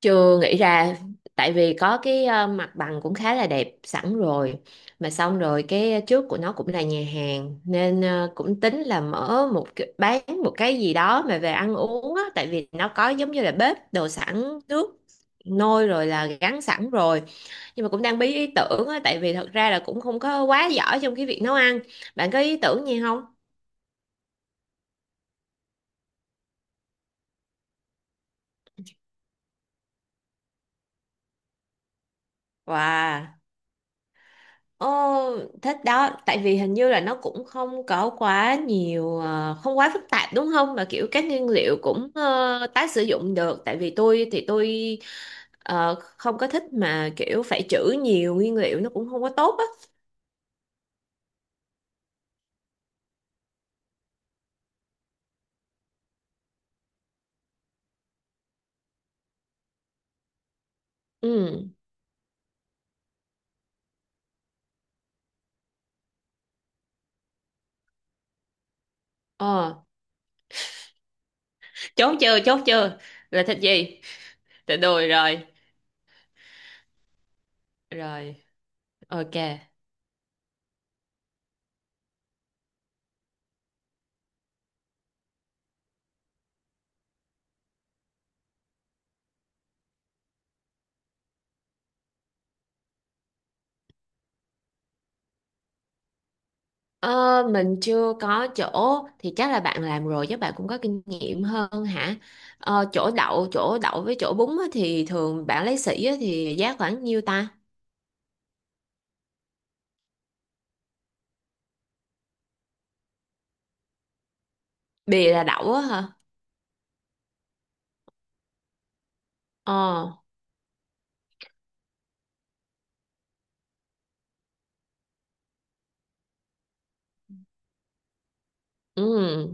Chưa nghĩ ra tại vì có cái mặt bằng cũng khá là đẹp sẵn rồi. Mà xong rồi cái trước của nó cũng là nhà hàng nên cũng tính là mở bán một cái gì đó mà về ăn uống á, tại vì nó có giống như là bếp đồ sẵn nước nôi rồi, là gắn sẵn rồi, nhưng mà cũng đang bí ý tưởng á tại vì thật ra là cũng không có quá giỏi trong cái việc nấu ăn. Bạn có ý tưởng gì không? Wow. Ồ, thích đó, tại vì hình như là nó cũng không có quá nhiều, không quá phức tạp đúng không? Mà kiểu các nguyên liệu cũng tái sử dụng được, tại vì tôi thì tôi không có thích mà kiểu phải trữ nhiều nguyên liệu nó cũng không có tốt á. Ừ, ờ, chốt chưa, là thịt gì? Thịt đùi rồi, rồi, ok. Ờ, mình chưa có chỗ, thì chắc là bạn làm rồi chứ, bạn cũng có kinh nghiệm hơn hả? Ờ, chỗ đậu với chỗ bún á, thì thường bạn lấy sỉ á, thì giá khoảng nhiêu ta? Bì là đậu á hả? Ờ, ừ.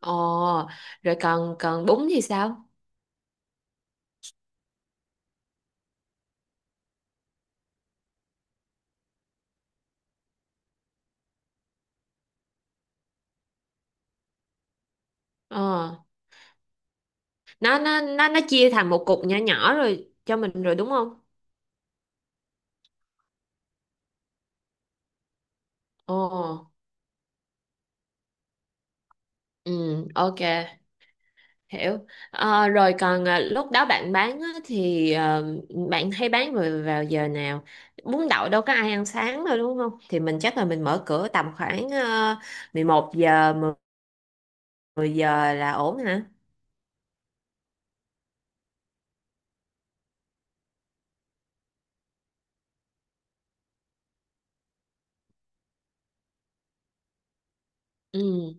Ờ, rồi còn còn bún thì sao? Ờ, nó chia thành một cục nhỏ nhỏ rồi cho mình rồi đúng không? Ờ, ừ, ok. Hiểu. Ờ, rồi còn à, lúc đó bạn bán á, thì bạn hay bán rồi vào giờ nào? Bún đậu đâu có ai ăn sáng đâu đúng không, thì mình chắc là mình mở cửa tầm khoảng 11 giờ, mười mười giờ là ổn hả? Ừ,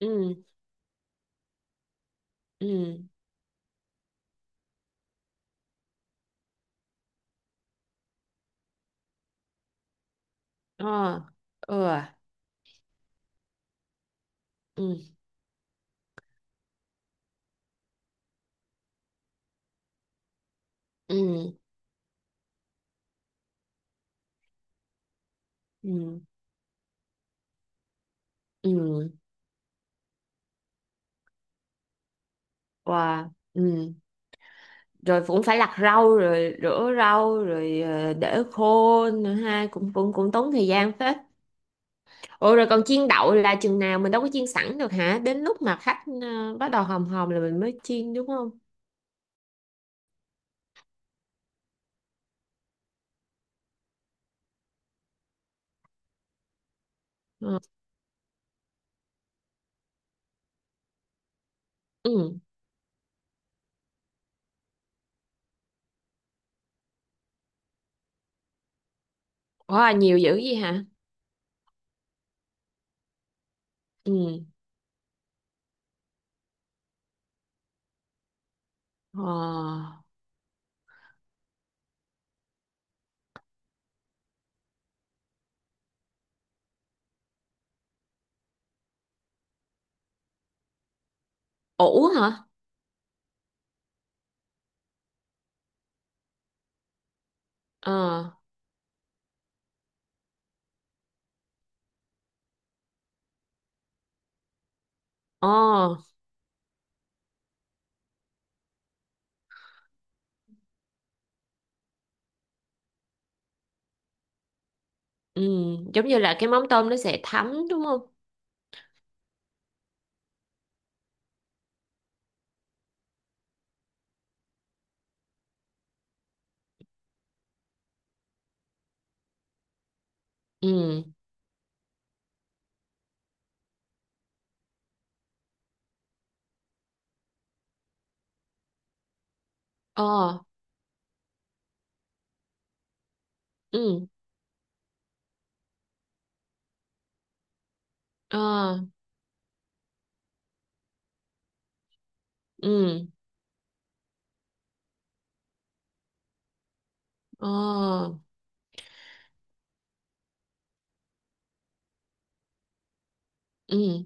ừ, ừ, ờ, ừ, ừ, ừ, ừ, ừ, wow, ừ, rồi cũng phải lặt rau rồi rửa rau rồi để khô nữa ha, cũng cũng cũng tốn thời gian phết. Ủa, rồi còn chiên đậu là chừng nào, mình đâu có chiên sẵn được hả? Đến lúc mà khách bắt đầu hòm hòm là mình mới chiên đúng không? Ờ. Ừ. Ủa nhiều dữ gì hả? Ừ. Ờ. Ủ hả? Ờ. Ờ. Ừ. Giống như là cái mắm tôm nó sẽ thấm đúng không? Ừ. Ờ. Ừ. Ờ. Ừ. Ờ. Ừ.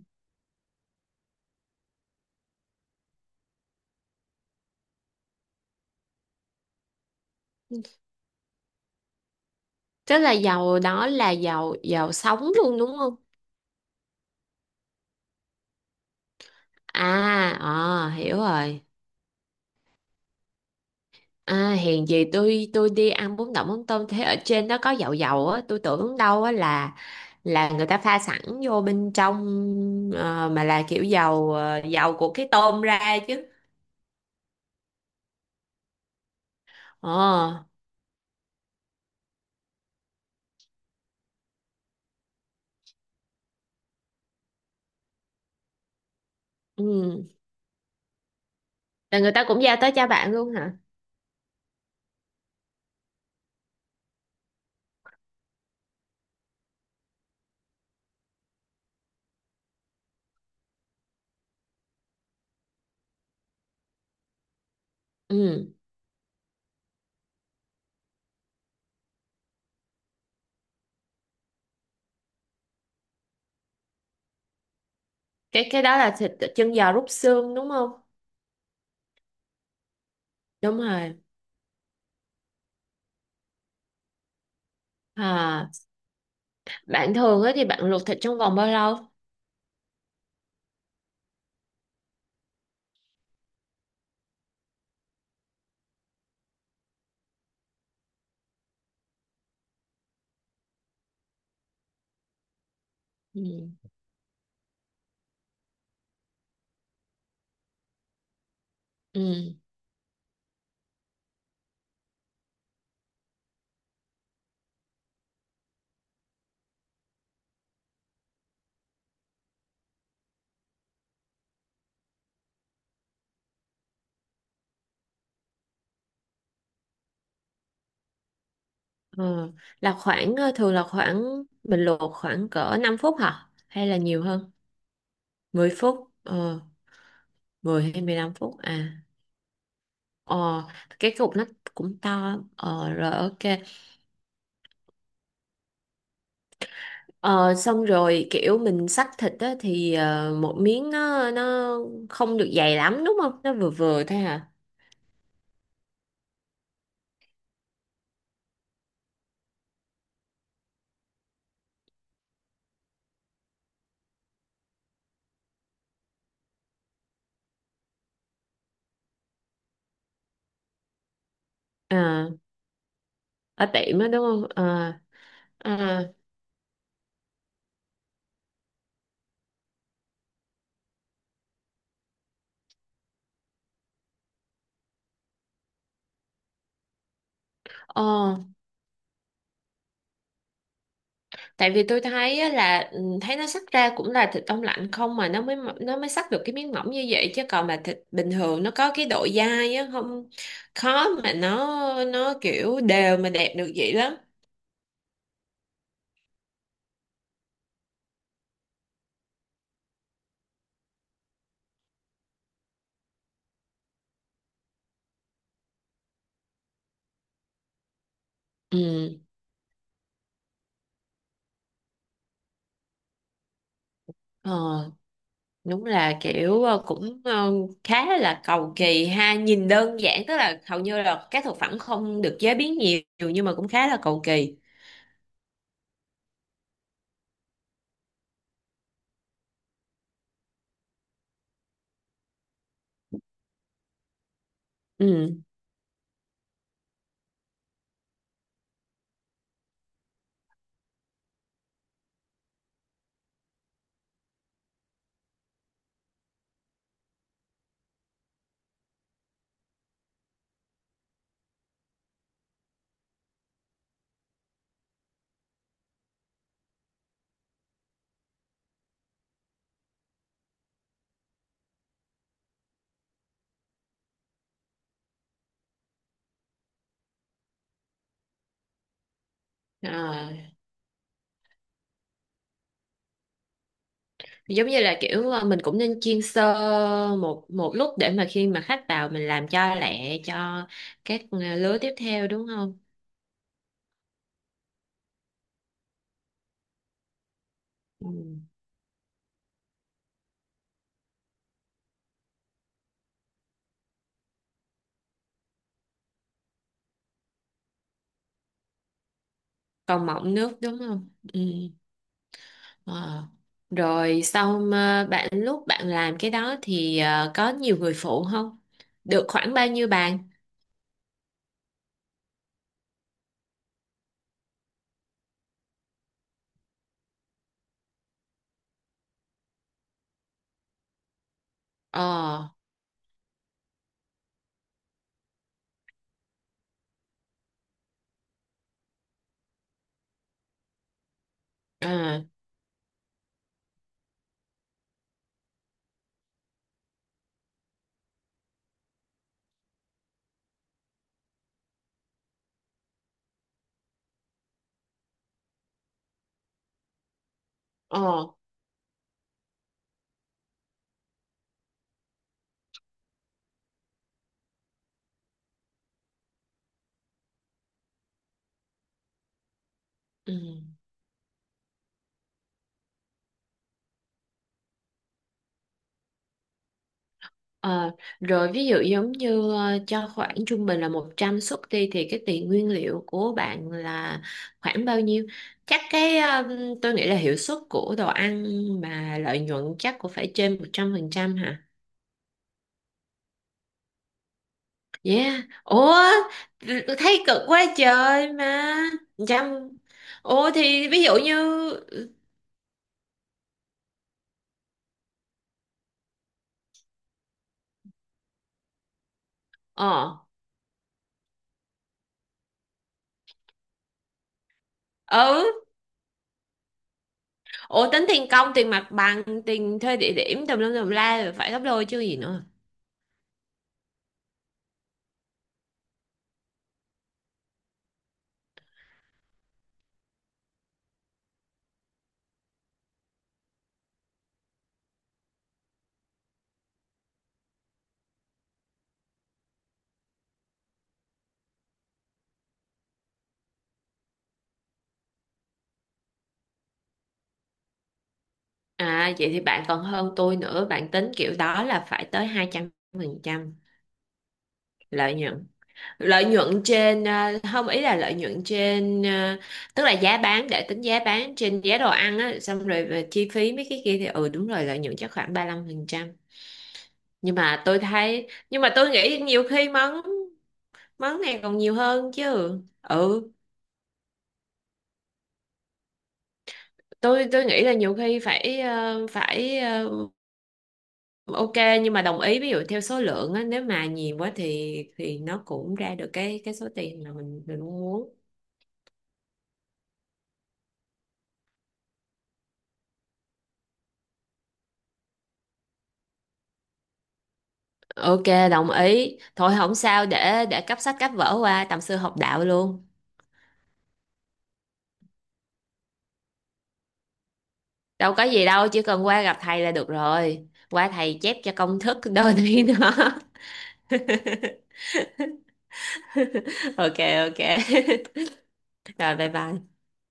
Tức là dầu đó là dầu dầu sống luôn đúng không? À, ờ, hiểu rồi. À, hèn gì tôi đi ăn bún đậu mắm tôm thế ở trên nó có dầu dầu á, tôi tưởng đâu á là người ta pha sẵn vô bên trong, ờ, mà là kiểu dầu dầu của cái tôm ra chứ. Ờ, ừ. Là người ta cũng giao tới cho bạn luôn hả? Ừ. Cái đó là thịt chân giò rút xương đúng không? Đúng rồi. À, bạn thường á thì bạn luộc thịt trong vòng bao lâu? Ừ. Ừ. Ờ, là khoảng thường là khoảng mình luộc khoảng cỡ 5 phút hả, hay là nhiều hơn 10 phút? Ờ, 10 hay 15 phút à? Ờ, cái cục nó cũng to, ờ, rồi ok. Ờ, xong rồi kiểu mình xắt thịt á, thì một miếng nó không được dày lắm đúng không, nó vừa vừa thôi hả? À, ở tiệm á đúng không? À. À. Ờ, tại vì tôi thấy á là ừ, thấy nó xắt ra cũng là thịt đông lạnh không mà nó mới xắt được cái miếng mỏng như vậy, chứ còn mà thịt bình thường nó có cái độ dai á không khó mà nó kiểu đều mà đẹp được vậy lắm. Ừ, ờ, đúng là kiểu cũng khá là cầu kỳ ha, nhìn đơn giản tức là hầu như là các thực phẩm không được chế biến nhiều nhưng mà cũng khá là cầu kỳ. Ừ. Ờ, giống như là kiểu mình cũng nên chiên sơ một một lúc để mà khi mà khách vào mình làm cho lẹ cho các lứa tiếp theo đúng không? Ừ. Còn mọng nước đúng không? Ừ. Ờ. Rồi sau mà bạn lúc bạn làm cái đó thì có nhiều người phụ không, được khoảng bao nhiêu bàn? Ờ, à, ờ, ừ. Ờ, rồi ví dụ giống như cho khoảng trung bình là 100 suất đi thì cái tiền nguyên liệu của bạn là khoảng bao nhiêu? Chắc cái tôi nghĩ là hiệu suất của đồ ăn mà lợi nhuận chắc cũng phải trên 100% hả? Yeah. Ủa, tôi thấy cực quá trời mà. Trăm. Ủa thì ví dụ như, ờ, ừ, ủa tính tiền công, tiền mặt bằng, tiền thuê địa điểm tùm lum tùm la rồi phải gấp đôi chứ gì nữa. À vậy thì bạn còn hơn tôi nữa, bạn tính kiểu đó là phải tới 200% lợi nhuận. Lợi nhuận trên à, không ý là lợi nhuận trên à, tức là giá bán để tính giá bán trên giá đồ ăn á, xong rồi về chi phí mấy cái kia thì ừ đúng rồi, lợi nhuận chắc khoảng 35%. Nhưng mà tôi thấy, nhưng mà tôi nghĩ nhiều khi món món này còn nhiều hơn chứ. Ừ, tôi nghĩ là nhiều khi phải. Ok, nhưng mà đồng ý, ví dụ theo số lượng á nếu mà nhiều quá thì nó cũng ra được cái số tiền mà mình mong muốn. Ok, đồng ý. Thôi không sao, để cấp sách cấp vở qua tầm sư học đạo luôn. Đâu có gì đâu, chỉ cần qua gặp thầy là được rồi. Qua thầy chép cho công thức đôi này đó. Ok, ok. Rồi bye bye.